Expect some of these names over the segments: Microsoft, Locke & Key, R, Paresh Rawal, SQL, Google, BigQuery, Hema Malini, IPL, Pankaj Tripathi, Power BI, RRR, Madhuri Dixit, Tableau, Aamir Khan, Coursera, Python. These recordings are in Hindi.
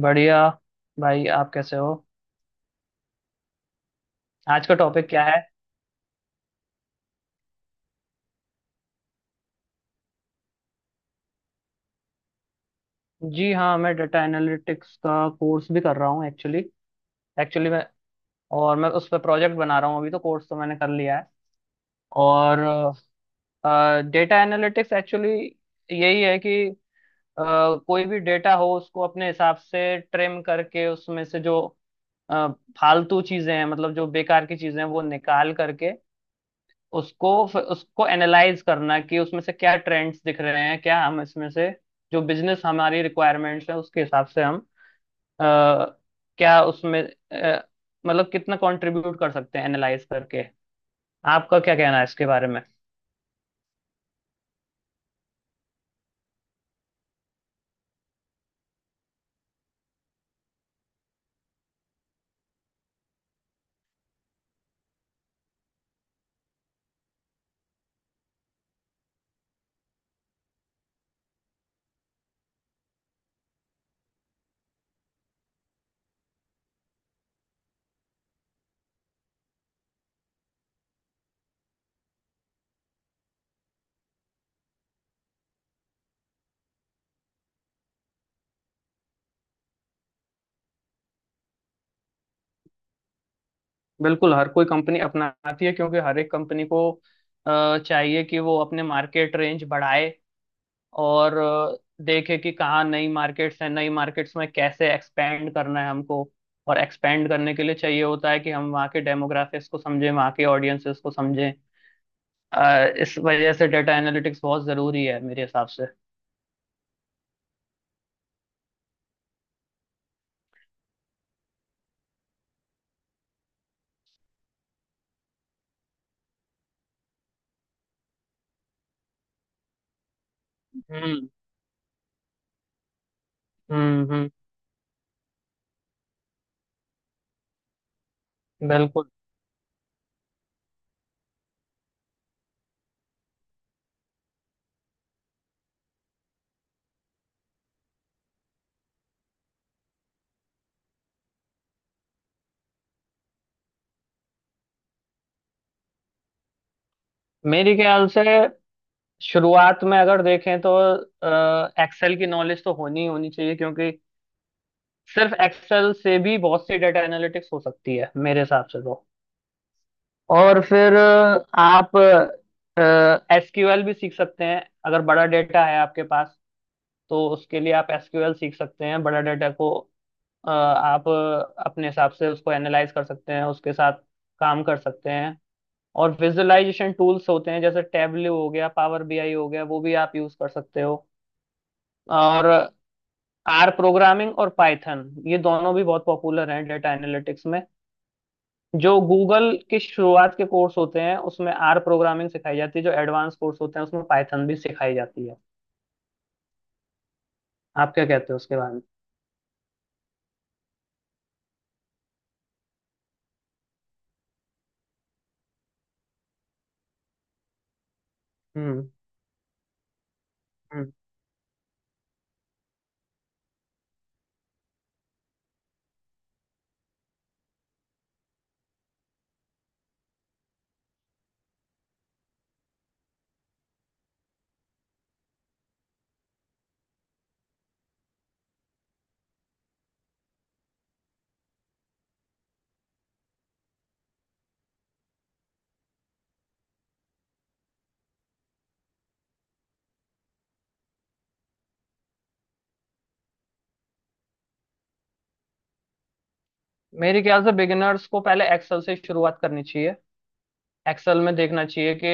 बढ़िया। भाई, आप कैसे हो? आज का टॉपिक क्या है? जी हाँ, मैं डेटा एनालिटिक्स का कोर्स भी कर रहा हूँ एक्चुअली। एक्चुअली मैं और मैं उस पर प्रोजेक्ट बना रहा हूँ। अभी तो कोर्स तो मैंने कर लिया है। और डेटा एनालिटिक्स एक्चुअली यही है कि अ, कोई भी डेटा हो उसको अपने हिसाब से ट्रिम करके उसमें से जो अ, फालतू चीजें हैं, मतलब जो बेकार की चीजें हैं वो निकाल करके उसको उसको एनालाइज करना कि उसमें से क्या ट्रेंड्स दिख रहे हैं, क्या हम इसमें से जो बिजनेस हमारी रिक्वायरमेंट्स है उसके हिसाब से हम अ, क्या उसमें मतलब कितना कंट्रीब्यूट कर सकते हैं एनालाइज करके। आपका क्या कहना है इसके बारे में? बिल्कुल हर कोई कंपनी अपनाती है, क्योंकि हर एक कंपनी को चाहिए कि वो अपने मार्केट रेंज बढ़ाए, और देखे कि कहाँ नई मार्केट्स हैं, नई मार्केट्स में कैसे एक्सपेंड करना है हमको। और एक्सपेंड करने के लिए चाहिए होता है कि हम वहाँ के डेमोग्राफिक्स को समझें, वहाँ के ऑडियंसेस को समझें। इस वजह से डेटा एनालिटिक्स बहुत ज़रूरी है मेरे हिसाब से। हम्म, हम्म, हम्म, बिल्कुल। मेरे ख्याल से शुरुआत में अगर देखें तो एक्सेल की नॉलेज तो होनी ही होनी चाहिए, क्योंकि सिर्फ एक्सेल से भी बहुत सी डेटा एनालिटिक्स हो सकती है मेरे हिसाब से तो। और फिर आप एसक्यूएल भी सीख सकते हैं, अगर बड़ा डेटा है आपके पास तो उसके लिए आप एसक्यूएल सीख सकते हैं। बड़ा डेटा को आप अपने हिसाब से उसको एनालाइज कर सकते हैं, उसके साथ काम कर सकते हैं। और विजुअलाइजेशन टूल्स होते हैं, जैसे टेबलो हो गया, पावर बीआई हो गया, वो भी आप यूज कर सकते हो। और आर प्रोग्रामिंग और पाइथन, ये दोनों भी बहुत पॉपुलर हैं डेटा एनालिटिक्स में। जो गूगल के शुरुआत के कोर्स होते हैं उसमें आर प्रोग्रामिंग सिखाई जाती है, जो एडवांस कोर्स होते हैं उसमें पाइथन भी सिखाई जाती है। आप क्या कहते हो उसके बारे में? हम्म, हम्म। मेरे ख्याल से बिगिनर्स को पहले एक्सेल से शुरुआत करनी चाहिए। एक्सेल में देखना चाहिए कि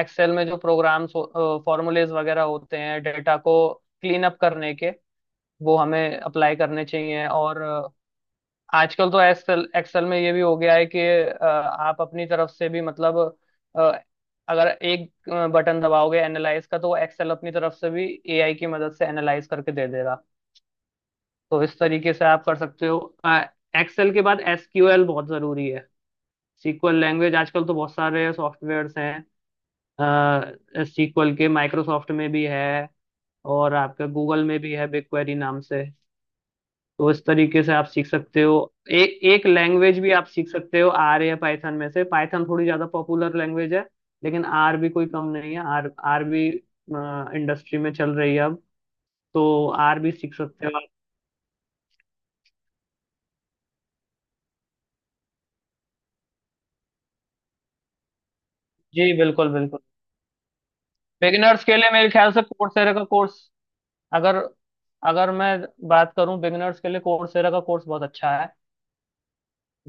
एक्सेल में जो प्रोग्राम्स, फॉर्मूलेज वगैरह होते हैं डेटा को क्लीन अप करने के, वो हमें अप्लाई करने चाहिए। और आजकल तो एक्सेल, एक्सेल में ये भी हो गया है कि आप अपनी तरफ से भी मतलब अ, अगर एक बटन दबाओगे एनालाइज का, तो एक्सेल अपनी तरफ से भी एआई की मदद से एनालाइज करके दे देगा। तो इस तरीके से आप कर सकते हो। एक्सेल के बाद एसक्यूएल बहुत जरूरी है। सीक्वल लैंग्वेज आजकल तो बहुत सारे सॉफ्टवेयर्स हैं। सीक्वल के माइक्रोसॉफ्ट में भी है, और आपके गूगल में भी है बिग क्वेरी नाम से। तो इस तरीके से आप सीख सकते हो। एक एक लैंग्वेज भी आप सीख सकते हो आर या पाइथन में से। पाइथन थोड़ी ज्यादा पॉपुलर लैंग्वेज है, लेकिन आर भी कोई कम नहीं है। आर आर भी इंडस्ट्री में चल रही है अब, तो आर भी सीख सकते हो आप। जी बिल्कुल, बिल्कुल। बिगिनर्स के लिए मेरे ख्याल से कोर्सेरा का कोर्स, अगर अगर मैं बात करूं, बिगिनर्स के लिए कोर्सेरा का कोर्स बहुत अच्छा है।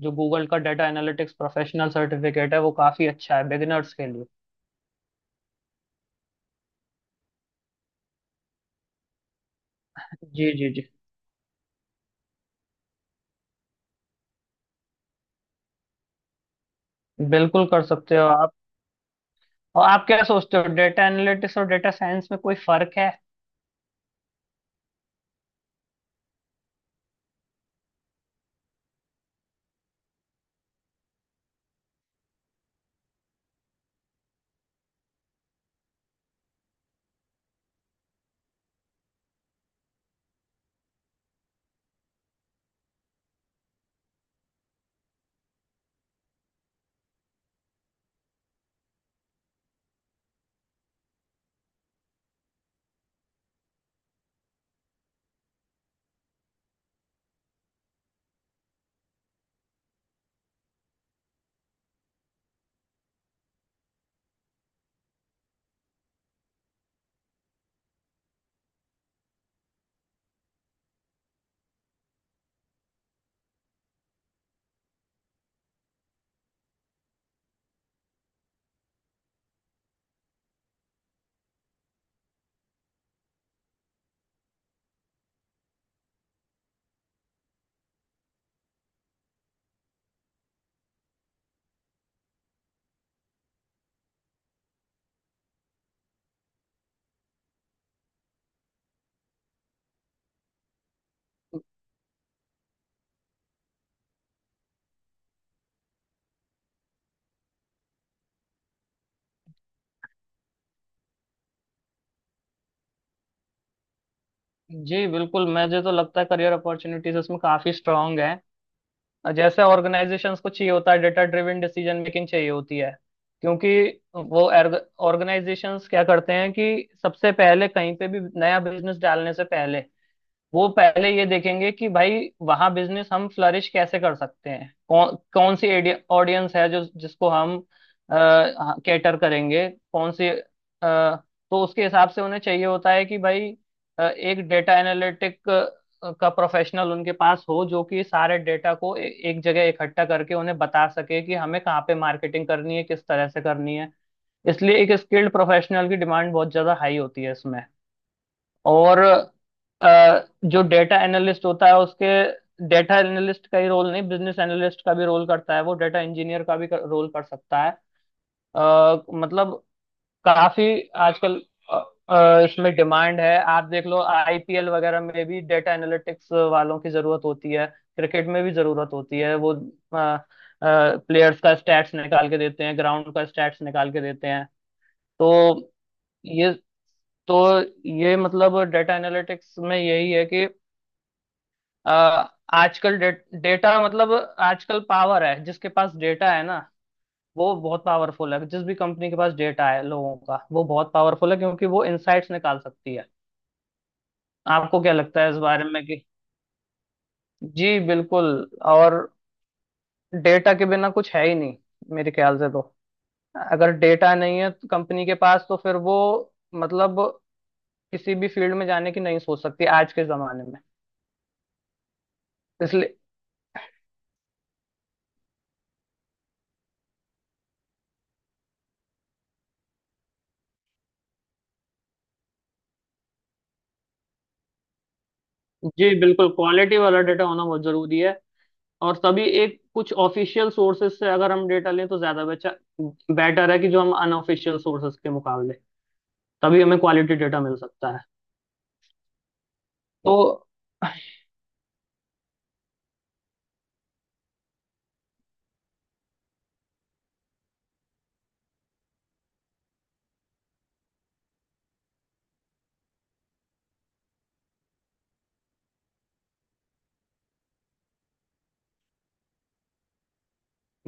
जो गूगल का डेटा एनालिटिक्स प्रोफेशनल सर्टिफिकेट है वो काफी अच्छा है बिगिनर्स के लिए। जी, जी, जी। बिल्कुल कर सकते हो आप। और आप क्या सोचते हो, डेटा एनालिटिक्स और डेटा साइंस में कोई फर्क है? जी बिल्कुल, मुझे तो लगता है करियर अपॉर्चुनिटीज उसमें काफी स्ट्रांग है। और जैसे ऑर्गेनाइजेशंस को चाहिए होता है, डेटा ड्रिवन डिसीजन मेकिंग चाहिए होती है, क्योंकि वो ऑर्गेनाइजेशंस क्या करते हैं कि सबसे पहले कहीं पे भी नया बिजनेस डालने से पहले वो पहले ये देखेंगे कि भाई वहाँ बिजनेस हम फ्लरिश कैसे कर सकते हैं, कौन कौन सी ऑडियंस है जो जिसको हम कैटर करेंगे, कौन सी तो उसके हिसाब से उन्हें चाहिए होता है कि भाई एक डेटा एनालिटिक का प्रोफेशनल उनके पास हो जो कि सारे डेटा को एक जगह इकट्ठा करके उन्हें बता सके कि हमें कहाँ पे मार्केटिंग करनी है, किस तरह से करनी है। इसलिए एक स्किल्ड प्रोफेशनल की डिमांड बहुत ज्यादा हाई होती है इसमें। और अ, जो डेटा एनालिस्ट होता है, उसके डेटा एनालिस्ट का ही रोल नहीं, बिजनेस एनालिस्ट का भी रोल करता है वो, डेटा इंजीनियर का भी रोल कर सकता है। मतलब काफी आजकल अ, इसमें डिमांड है। आप देख लो आईपीएल वगैरह में भी डेटा एनालिटिक्स वालों की जरूरत होती है, क्रिकेट में भी जरूरत होती है। वो प्लेयर्स का स्टैट्स निकाल के देते हैं, ग्राउंड का स्टैट्स निकाल के देते हैं। तो ये तो ये मतलब डेटा एनालिटिक्स में यही है कि अ, आजकल डेटा मतलब आजकल पावर है, जिसके पास डेटा है ना वो बहुत पावरफुल है। जिस भी कंपनी के पास डेटा है लोगों का, वो बहुत पावरफुल है, क्योंकि वो इनसाइट्स निकाल सकती है। आपको क्या लगता है इस बारे में कि? जी बिल्कुल। और डेटा के बिना कुछ है ही नहीं, मेरे ख्याल से तो। अगर डेटा नहीं है कंपनी के पास तो फिर वो मतलब किसी भी फील्ड में जाने की नहीं सोच सकती आज के जमाने में। इसलिए जी बिल्कुल, क्वालिटी वाला डेटा होना बहुत जरूरी है। और सभी एक कुछ ऑफिशियल सोर्सेज से अगर हम डेटा लें तो ज्यादा बेचा बेटर है, कि जो हम अनऑफिशियल सोर्सेज के मुकाबले। तभी हमें क्वालिटी डेटा मिल सकता है। तो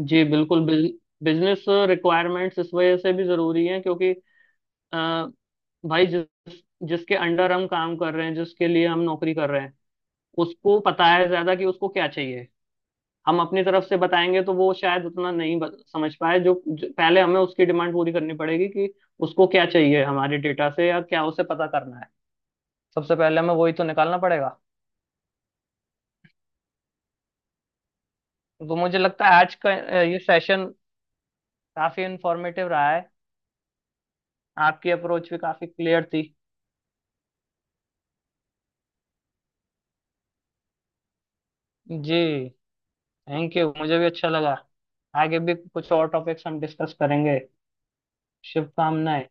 जी बिल्कुल, बिजनेस रिक्वायरमेंट्स इस वजह से भी जरूरी हैं, क्योंकि अ, भाई जिसके अंडर हम काम कर रहे हैं, जिसके लिए हम नौकरी कर रहे हैं, उसको पता है ज्यादा कि उसको क्या चाहिए। हम अपनी तरफ से बताएंगे तो वो शायद उतना नहीं समझ पाए। जो पहले हमें उसकी डिमांड पूरी करनी पड़ेगी कि उसको क्या चाहिए हमारे डेटा से, या क्या उसे पता करना है। सबसे पहले हमें वही तो निकालना पड़ेगा। तो मुझे लगता है आज का ये सेशन काफी इंफॉर्मेटिव रहा है। आपकी अप्रोच भी काफी क्लियर थी। जी, थैंक यू। मुझे भी अच्छा लगा। आगे भी कुछ और टॉपिक्स हम डिस्कस करेंगे। शुभकामनाएं।